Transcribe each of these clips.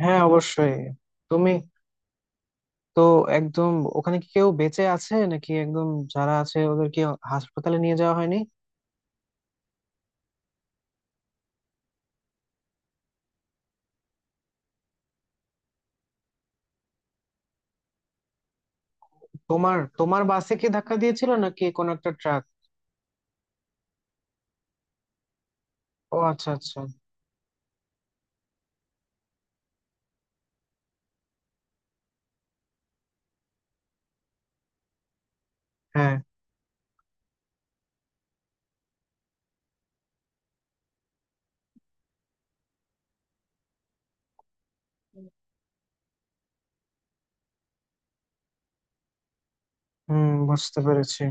হ্যাঁ, অবশ্যই। তুমি তো একদম... ওখানে কি কেউ বেঁচে আছে নাকি? একদম যারা আছে ওদেরকে হাসপাতালে নিয়ে যাওয়া হয়নি? তোমার তোমার বাসে কি ধাক্কা দিয়েছিল নাকি, কোন একটা ট্রাক? ও, আচ্ছা আচ্ছা। হ্যাঁ। হুম, বুঝতে পেরেছি।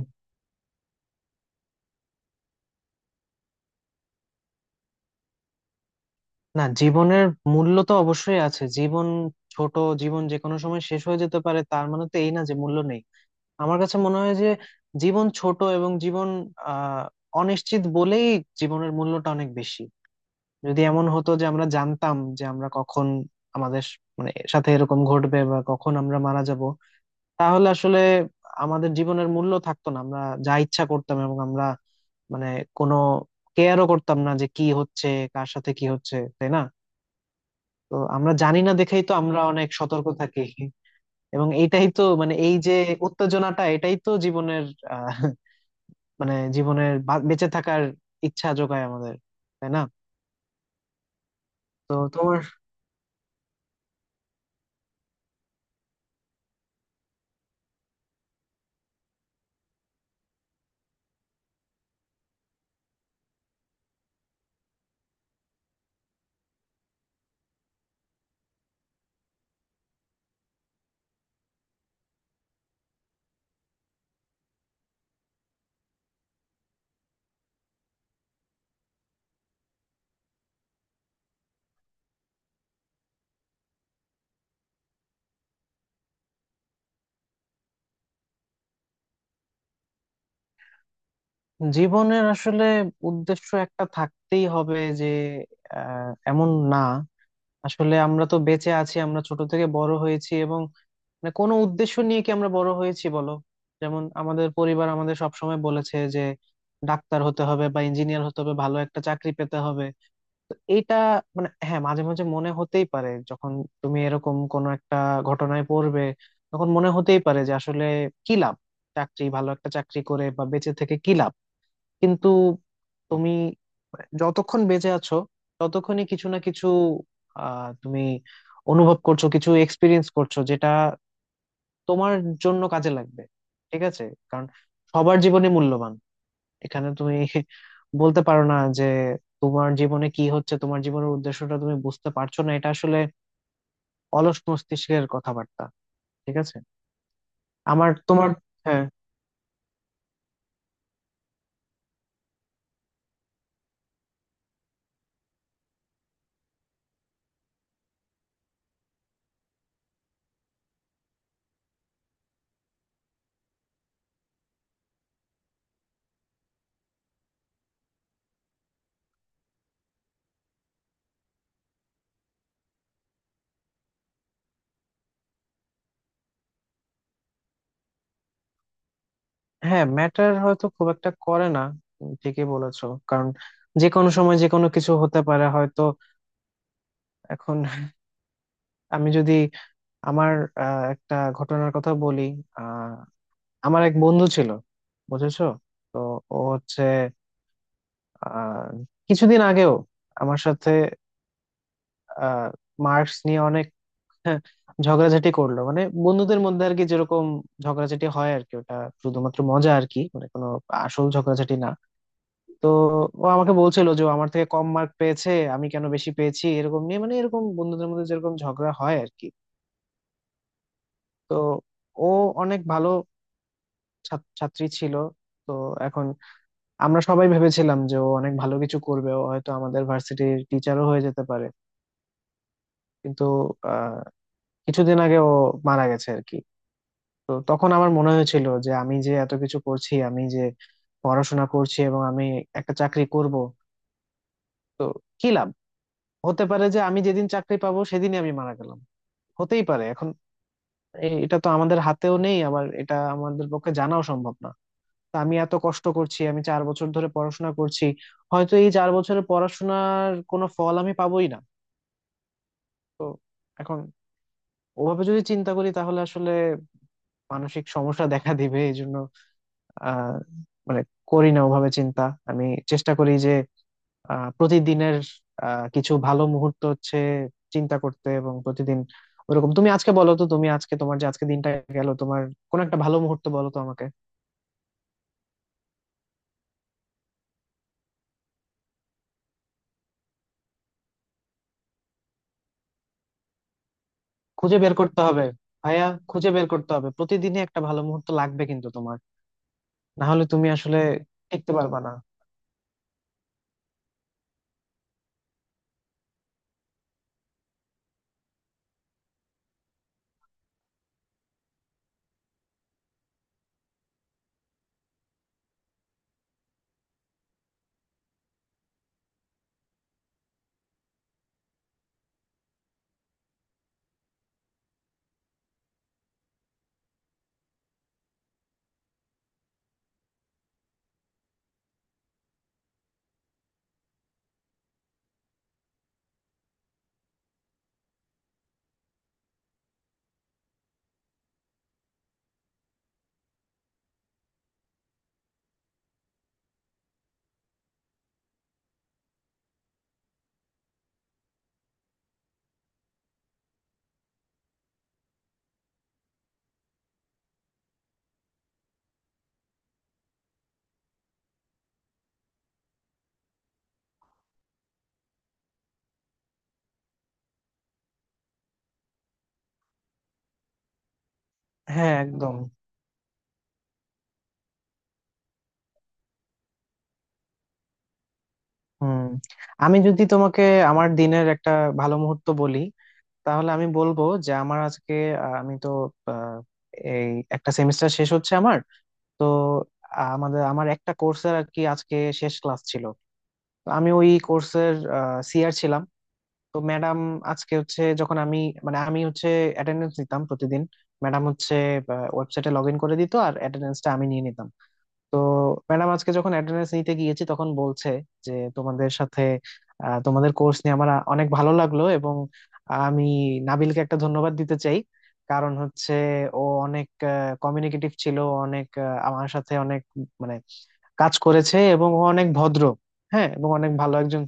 না, জীবনের মূল্য তো অবশ্যই আছে। জীবন ছোট। জীবন যে কোনো সময় শেষ হয়ে যেতে পারে, তার মানে তো এই না যে মূল্য নেই। আমার কাছে মনে হয় যে জীবন ছোট এবং জীবন আহ অনিশ্চিত বলেই জীবনের মূল্যটা অনেক বেশি। যদি এমন হতো যে আমরা জানতাম যে আমরা কখন আমাদের মানে সাথে এরকম ঘটবে বা কখন আমরা মারা যাব, তাহলে আসলে আমাদের জীবনের মূল্য থাকতো না, আমরা যা ইচ্ছা করতাম এবং আমরা, মানে, কোনো কেয়ারও করতাম না যে কি হচ্ছে, কার সাথে কি হচ্ছে, তাই না? তো আমরা জানি না দেখেই তো আমরা অনেক সতর্ক থাকি। এবং এইটাই তো মানে, এই যে উত্তেজনাটা, এটাই তো জীবনের আহ মানে জীবনের বেঁচে থাকার ইচ্ছা যোগায় আমাদের, তাই না? তো তোমার জীবনের আসলে উদ্দেশ্য একটা থাকতেই হবে যে, এমন না। আসলে আমরা তো বেঁচে আছি, আমরা ছোট থেকে বড় হয়েছি এবং মানে কোনো উদ্দেশ্য নিয়ে কি আমরা বড় হয়েছি বলো? যেমন আমাদের পরিবার আমাদের সবসময় বলেছে যে ডাক্তার হতে হবে বা ইঞ্জিনিয়ার হতে হবে, ভালো একটা চাকরি পেতে হবে। তো এইটা মানে হ্যাঁ, মাঝে মাঝে মনে হতেই পারে যখন তুমি এরকম কোনো একটা ঘটনায় পড়বে, তখন মনে হতেই পারে যে আসলে কি লাভ চাকরি, ভালো একটা চাকরি করে বা বেঁচে থেকে কি লাভ। কিন্তু তুমি যতক্ষণ বেঁচে আছো ততক্ষণই কিছু না কিছু তুমি অনুভব করছো, কিছু এক্সপিরিয়েন্স করছো, যেটা তোমার জন্য কাজে লাগবে, ঠিক আছে? কারণ সবার জীবনে মূল্যবান। এখানে তুমি বলতে পারো না যে তোমার জীবনে কি হচ্ছে, তোমার জীবনের উদ্দেশ্যটা তুমি বুঝতে পারছো না, এটা আসলে অলস মস্তিষ্কের কথাবার্তা, ঠিক আছে? আমার তোমার, হ্যাঁ। হ্যাঁ, ম্যাটার হয়তো খুব একটা করে না। তুমি ঠিকই বলেছো, কারণ যে কোনো সময় যে কোনো কিছু হতে পারে। হয়তো এখন আমি যদি আমার একটা ঘটনার কথা বলি। আহ, আমার এক বন্ধু ছিল, বুঝেছো? তো ও হচ্ছে আহ, কিছুদিন আগেও আমার সাথে মার্কস নিয়ে অনেক হ্যাঁ, ঝগড়াঝাটি করলো, মানে বন্ধুদের মধ্যে আর কি যেরকম ঝগড়াঝাটি হয় আর কি, ওটা শুধুমাত্র মজা আর কি, মানে কোনো আসল ঝগড়াঝাটি না। তো ও আমাকে বলছিল যে ও আমার থেকে কম মার্ক পেয়েছে, আমি কেন বেশি পেয়েছি এরকম নিয়ে, মানে এরকম বন্ধুদের মধ্যে যেরকম ঝগড়া হয় আর কি। তো ও অনেক ভালো ছাত্রী ছিল। তো এখন আমরা সবাই ভেবেছিলাম যে ও অনেক ভালো কিছু করবে, ও হয়তো আমাদের ভার্সিটির টিচারও হয়ে যেতে পারে। কিন্তু আহ কিছুদিন আগে ও মারা গেছে আর কি। তো তখন আমার মনে হয়েছিল যে আমি যে এত কিছু করছি, আমি যে পড়াশোনা করছি এবং আমি একটা চাকরি করব, তো কি লাভ? হতে পারে যে আমি যেদিন চাকরি পাবো, সেদিনই আমি মারা গেলাম, হতেই পারে। এখন এটা তো আমাদের হাতেও নেই, আবার এটা আমাদের পক্ষে জানাও সম্ভব না। তা আমি এত কষ্ট করছি, আমি 4 বছর ধরে পড়াশোনা করছি, হয়তো এই 4 বছরের পড়াশোনার কোনো ফল আমি পাবোই না। তো এখন ওভাবে যদি চিন্তা করি, তাহলে আসলে মানসিক সমস্যা দেখা দিবে। এই জন্য আহ মানে করি না ওভাবে চিন্তা। আমি চেষ্টা করি যে প্রতিদিনের কিছু ভালো মুহূর্ত হচ্ছে চিন্তা করতে এবং প্রতিদিন ওরকম, তুমি আজকে বলো তো, তুমি আজকে তোমার যে আজকে দিনটা গেল, তোমার কোন একটা ভালো মুহূর্ত বলো তো আমাকে। খুঁজে বের করতে হবে ভাইয়া, খুঁজে বের করতে হবে, প্রতিদিনই একটা ভালো মুহূর্ত লাগবে কিন্তু তোমার, না হলে তুমি আসলে টিকতে পারবে না। হ্যাঁ, একদম। হুম, আমি যদি তোমাকে আমার দিনের একটা ভালো মুহূর্ত বলি, তাহলে আমি বলবো যে আমার আজকে আমি তো আহ, এই একটা সেমিস্টার শেষ হচ্ছে আমার। তো আমাদের আমার একটা কোর্সের আর কি আজকে শেষ ক্লাস ছিল। তো আমি ওই কোর্সের CR ছিলাম। তো ম্যাডাম আজকে হচ্ছে, যখন আমি, মানে আমি হচ্ছে অ্যাটেন্ডেন্স নিতাম প্রতিদিন, ম্যাডাম হচ্ছে ওয়েবসাইটে লগ ইন করে দিত আর অ্যাটেন্ডেন্সটা আমি নিয়ে নিতাম। তো ম্যাডাম আজকে যখন অ্যাটেন্ডেন্স নিতে গিয়েছি তখন বলছে যে তোমাদের সাথে, তোমাদের কোর্স নিয়ে আমার অনেক ভালো লাগলো এবং আমি নাবিলকে একটা ধন্যবাদ দিতে চাই, কারণ হচ্ছে ও অনেক কমিউনিকেটিভ ছিল, অনেক আমার সাথে অনেক মানে কাজ করেছে এবং ও অনেক ভদ্র, হ্যাঁ, এবং অনেক ভালো একজন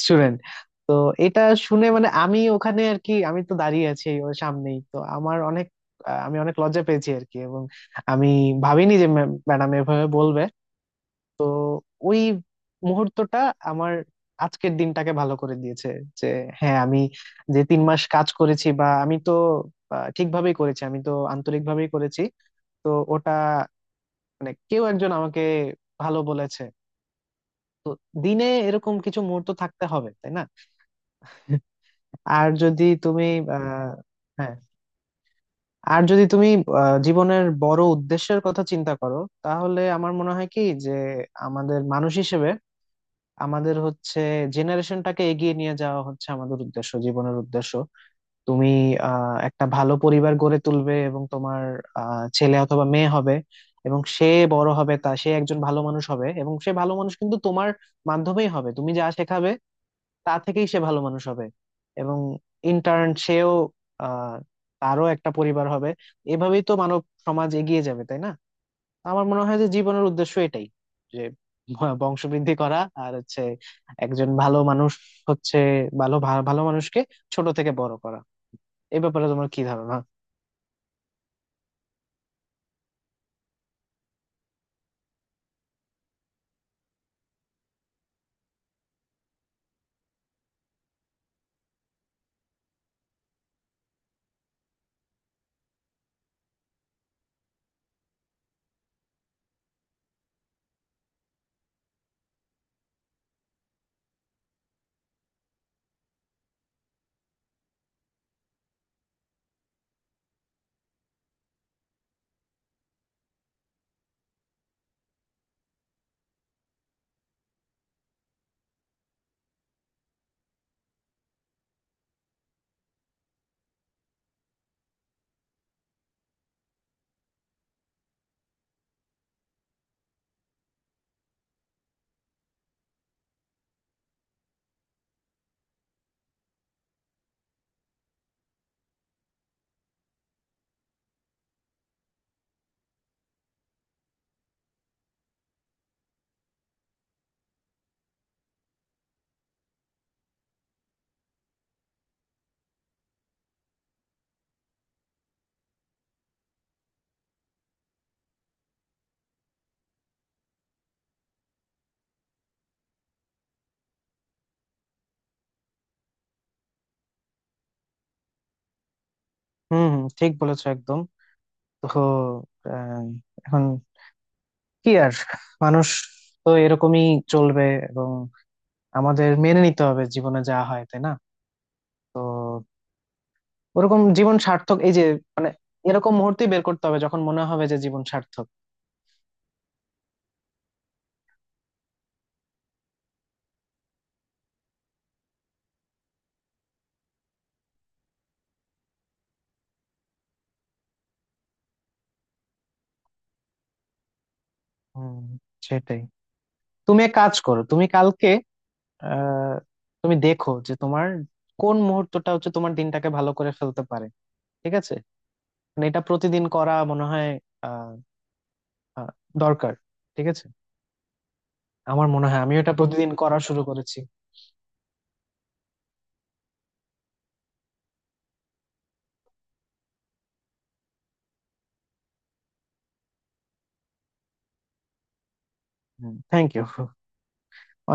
স্টুডেন্ট। তো এটা শুনে, মানে আমি ওখানে আর কি, আমি তো দাঁড়িয়ে আছি ওর সামনেই, তো আমার অনেক আমি অনেক লজ্জা পেয়েছি আর কি, এবং আমি ভাবিনি যে ম্যাডাম এভাবে বলবে। তো ওই মুহূর্তটা আমার আজকের দিনটাকে ভালো করে দিয়েছে, যে হ্যাঁ, আমি যে 3 মাস কাজ করেছি বা আমি তো ঠিকভাবেই করেছি, আমি তো আন্তরিকভাবেই করেছি। তো ওটা মানে কেউ একজন আমাকে ভালো বলেছে। তো দিনে এরকম কিছু মুহূর্ত থাকতে হবে, তাই না? আর যদি তুমি আহ হ্যাঁ, আর যদি তুমি জীবনের বড় উদ্দেশ্যের কথা চিন্তা করো, তাহলে আমার মনে হয় কি যে আমাদের মানুষ হিসেবে আমাদের হচ্ছে জেনারেশনটাকে এগিয়ে নিয়ে যাওয়া হচ্ছে আমাদের উদ্দেশ্য, জীবনের উদ্দেশ্য। তুমি একটা ভালো পরিবার গড়ে তুলবে এবং তোমার ছেলে অথবা মেয়ে হবে, এবং সে বড় হবে, তা সে একজন ভালো মানুষ হবে, এবং সে ভালো মানুষ কিন্তু তোমার মাধ্যমেই হবে, তুমি যা শেখাবে তা থেকেই সে ভালো মানুষ হবে। এবং ইন্টার্ন সেও, আহ তারও একটা পরিবার হবে। এভাবেই তো মানব সমাজ এগিয়ে যাবে, তাই না? আমার মনে হয় যে জীবনের উদ্দেশ্য এটাই, যে বংশবৃদ্ধি করা, আর হচ্ছে একজন ভালো মানুষ হচ্ছে, ভালো ভালো মানুষকে ছোট থেকে বড় করা। এই ব্যাপারে তোমার কি ধারণা? হম, হম, ঠিক বলেছো একদম। তো আহ, এখন কি আর, মানুষ তো এরকমই চলবে এবং আমাদের মেনে নিতে হবে জীবনে যা হয়, তাই না? তো ওরকম জীবন সার্থক, এই যে মানে এরকম মুহূর্তে বের করতে হবে যখন মনে হবে যে জীবন সার্থক। হম, সেটাই। তুমি এক কাজ করো, তুমি কালকে আহ তুমি দেখো যে তোমার কোন মুহূর্তটা হচ্ছে তোমার দিনটাকে ভালো করে ফেলতে পারে, ঠিক আছে? মানে এটা প্রতিদিন করা মনে হয় আহ আহ, দরকার, ঠিক আছে? আমার মনে হয় আমিও এটা প্রতিদিন করা শুরু করেছি। Thank you.